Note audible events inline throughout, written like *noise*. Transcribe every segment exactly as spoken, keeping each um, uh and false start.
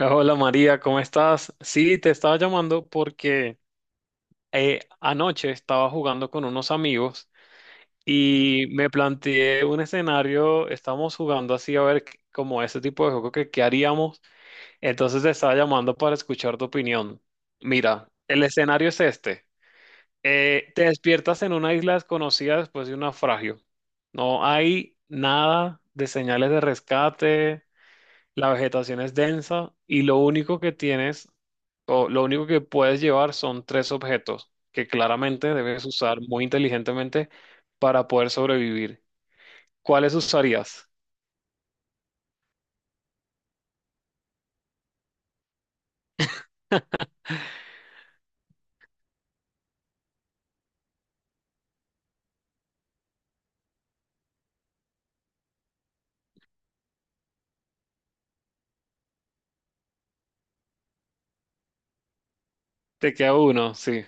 Hola María, ¿cómo estás? Sí, te estaba llamando porque eh, anoche estaba jugando con unos amigos y me planteé un escenario, estábamos jugando así a ver qué- como ese tipo de juego que qué haríamos, entonces te estaba llamando para escuchar tu opinión. Mira, el escenario es este. Eh, te despiertas en una isla desconocida después de un naufragio. No hay nada de señales de rescate. La vegetación es densa y lo único que tienes o lo único que puedes llevar son tres objetos que claramente debes usar muy inteligentemente para poder sobrevivir. ¿Cuáles usarías? Te queda uno, sí.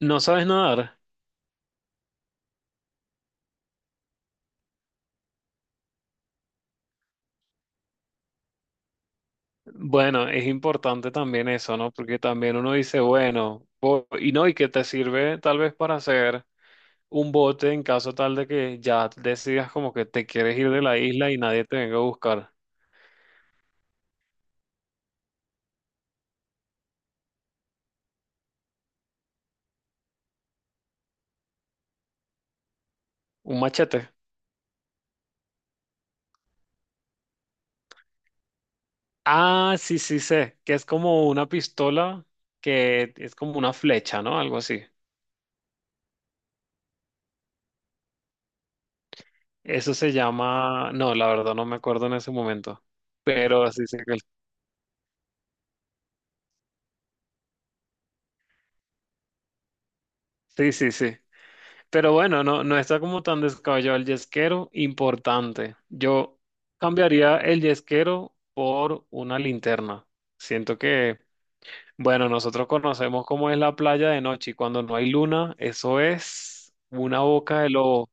¿No sabes nadar? Bueno, es importante también eso, ¿no? Porque también uno dice, bueno, po- y no, y que te sirve tal vez para hacer un bote en caso tal de que ya decidas como que te quieres ir de la isla y nadie te venga a buscar. Un machete. Ah, sí, sí sé, que es como una pistola que es como una flecha, ¿no? Algo así. Eso se llama, no, la verdad no me acuerdo en ese momento, pero sí sé que sí, sí, sí. Pero bueno, no, no está como tan descabellado el yesquero, importante. Yo cambiaría el yesquero por una linterna. Siento que, bueno, nosotros conocemos cómo es la playa de noche y cuando no hay luna, eso es una boca de lobo.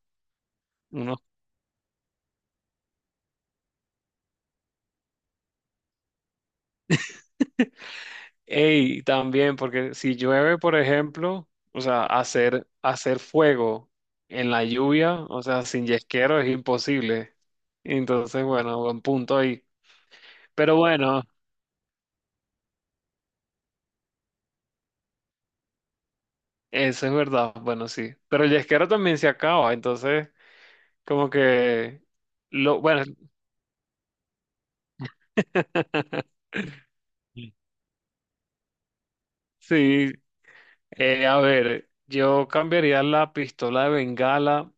Ey, también, porque si llueve, por ejemplo, o sea, hacer, hacer fuego en la lluvia, o sea, sin yesquero es imposible. Entonces, bueno, buen punto ahí. Pero bueno, eso es verdad, bueno, sí. Pero el yesquero también se acaba, entonces, como que, lo, bueno, *laughs* sí, Eh, a ver, yo cambiaría la pistola de Bengala.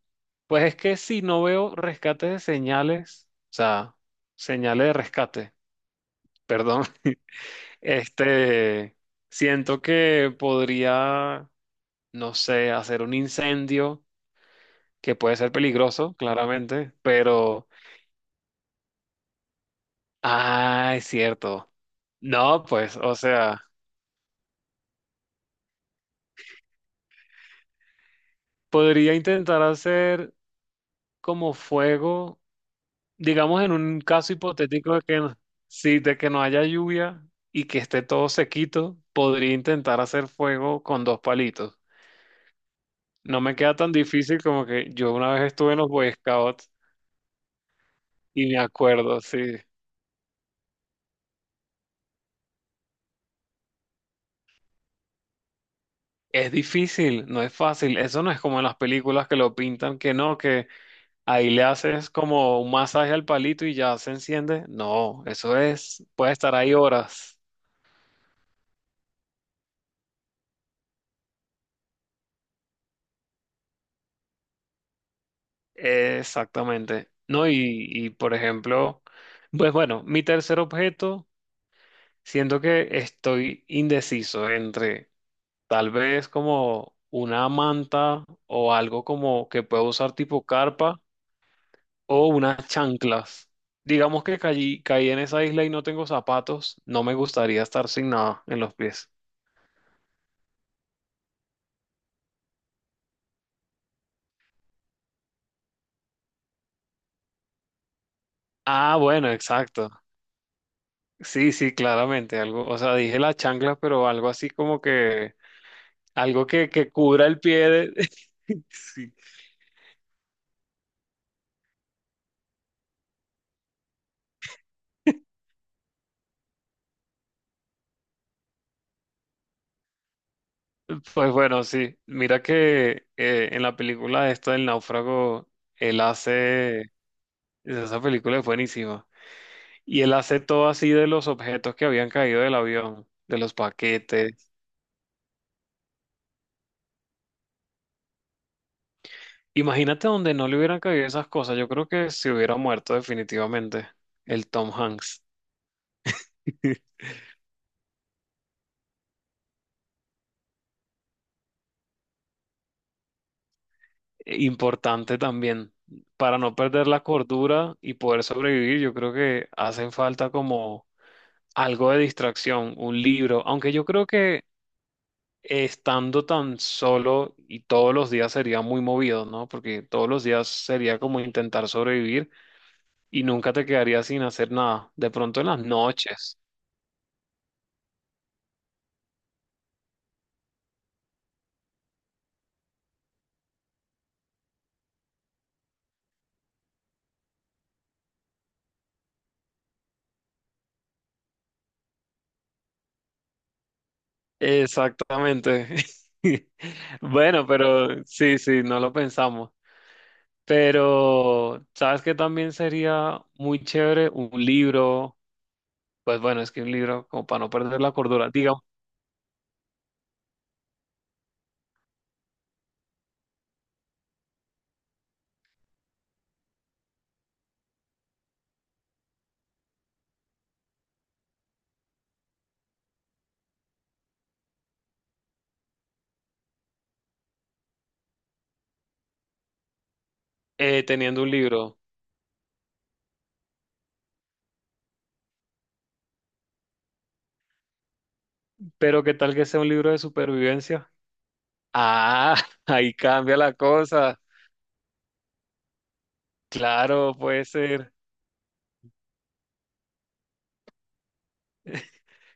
Pues es que si no veo rescate de señales, o sea, señales de rescate, perdón, *laughs* este, siento que podría, no sé, hacer un incendio que puede ser peligroso, claramente, pero, ah, es cierto. No, pues, o sea, podría intentar hacer como fuego. Digamos en un caso hipotético de que, no- sí, de que no haya lluvia y que esté todo sequito, podría intentar hacer fuego con dos palitos. No me queda tan difícil como que yo una vez estuve en los Boy Scouts y me acuerdo, sí. Es difícil, no es fácil. Eso no es como en las películas que lo pintan, que no, que ahí le haces como un masaje al palito y ya se enciende. No, eso es, puede estar ahí horas. Exactamente. No, y, y, por ejemplo, pues bueno, mi tercer objeto, siento que estoy indeciso entre tal vez como una manta o algo como que puedo usar tipo carpa o unas chanclas. Digamos que caí, caí en esa isla y no tengo zapatos, no me gustaría estar sin nada en los pies. Ah, bueno, exacto. Sí, sí, claramente, algo, o sea, dije las chanclas, pero algo así como que algo que, que cubra el pie de- *laughs* Sí. Pues bueno, sí. Mira que eh, en la película esto del náufrago, él hace... Esa película es buenísima. Y él hace todo así de los objetos que habían caído del avión, de los paquetes. Imagínate donde no le hubieran caído esas cosas. Yo creo que se hubiera muerto definitivamente el Tom Hanks. *laughs* Importante también. Para no perder la cordura y poder sobrevivir, yo creo que hacen falta como algo de distracción, un libro, aunque yo creo que estando tan solo y todos los días sería muy movido, ¿no? Porque todos los días sería como intentar sobrevivir y nunca te quedarías sin hacer nada. De pronto en las noches. Exactamente. *laughs* Bueno, pero sí, sí, no lo pensamos. Pero, ¿sabes qué también sería muy chévere? Un libro, pues bueno, es que un libro, como para no perder la cordura, digamos, eh, teniendo un libro. Pero qué tal que sea un libro de supervivencia. Ah, *laughs* ahí cambia la cosa. Claro, puede ser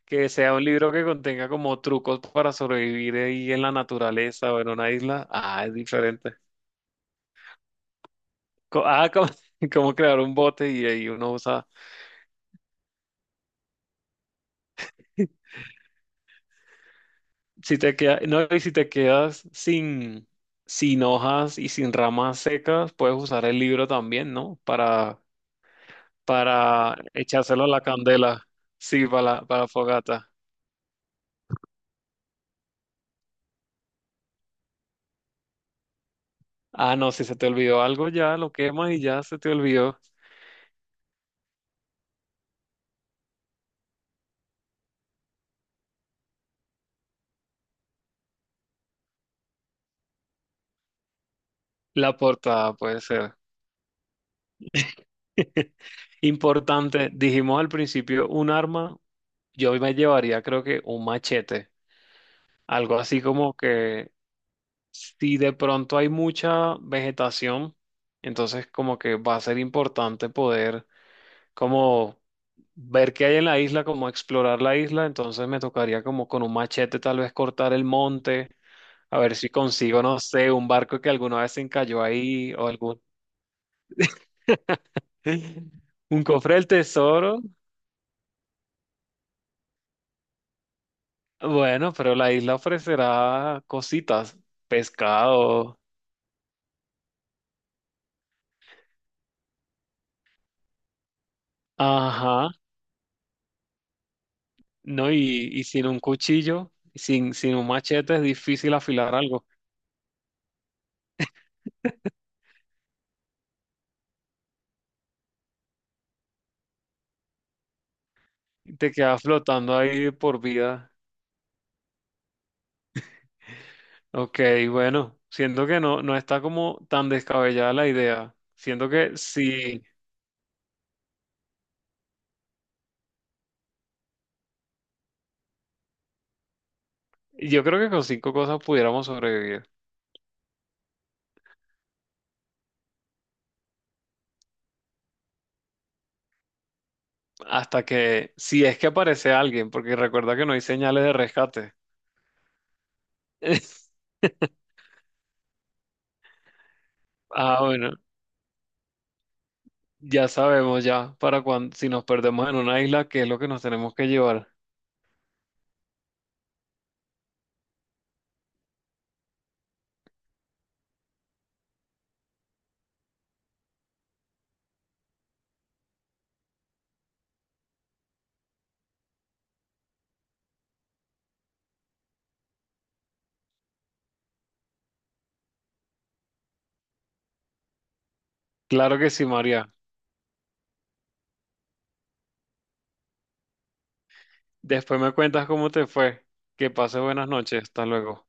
que sea un libro que contenga como trucos para sobrevivir ahí en la naturaleza o en una isla. Ah, es diferente. Co- Ah, como, *laughs* como crear un bote y ahí uno usa. Si te queda, no, y si te quedas sin, sin hojas y sin ramas secas, puedes usar el libro también, ¿no? Para, para echárselo a la candela. Sí, para la- para la fogata. Ah, no, si se te olvidó algo ya lo quemas y ya se te olvidó la portada, puede ser. *laughs* Importante, dijimos al principio un arma, yo me llevaría creo que un machete, algo así como que si de pronto hay mucha vegetación, entonces como que va a ser importante poder como ver qué hay en la isla, como explorar la isla, entonces me tocaría como con un machete tal vez cortar el monte. A ver si consigo, no sé, un barco que alguna vez se encalló ahí o algún... *laughs* Un cofre del tesoro. Bueno, pero la isla ofrecerá cositas, pescado. Ajá. No, y, y sin un cuchillo, sin, sin un machete es difícil afilar algo. Te quedas flotando ahí de por vida. Ok, bueno, siento que no, no está como tan descabellada la idea. Siento que sí, yo creo que con cinco cosas pudiéramos sobrevivir. Hasta que, si es que aparece alguien, porque recuerda que no hay señales de rescate. *laughs* Ah, bueno, ya sabemos ya para cuando, si nos perdemos en una isla, qué es lo que nos tenemos que llevar. Claro que sí, María. Después me cuentas cómo te fue. Que pases buenas noches. Hasta luego.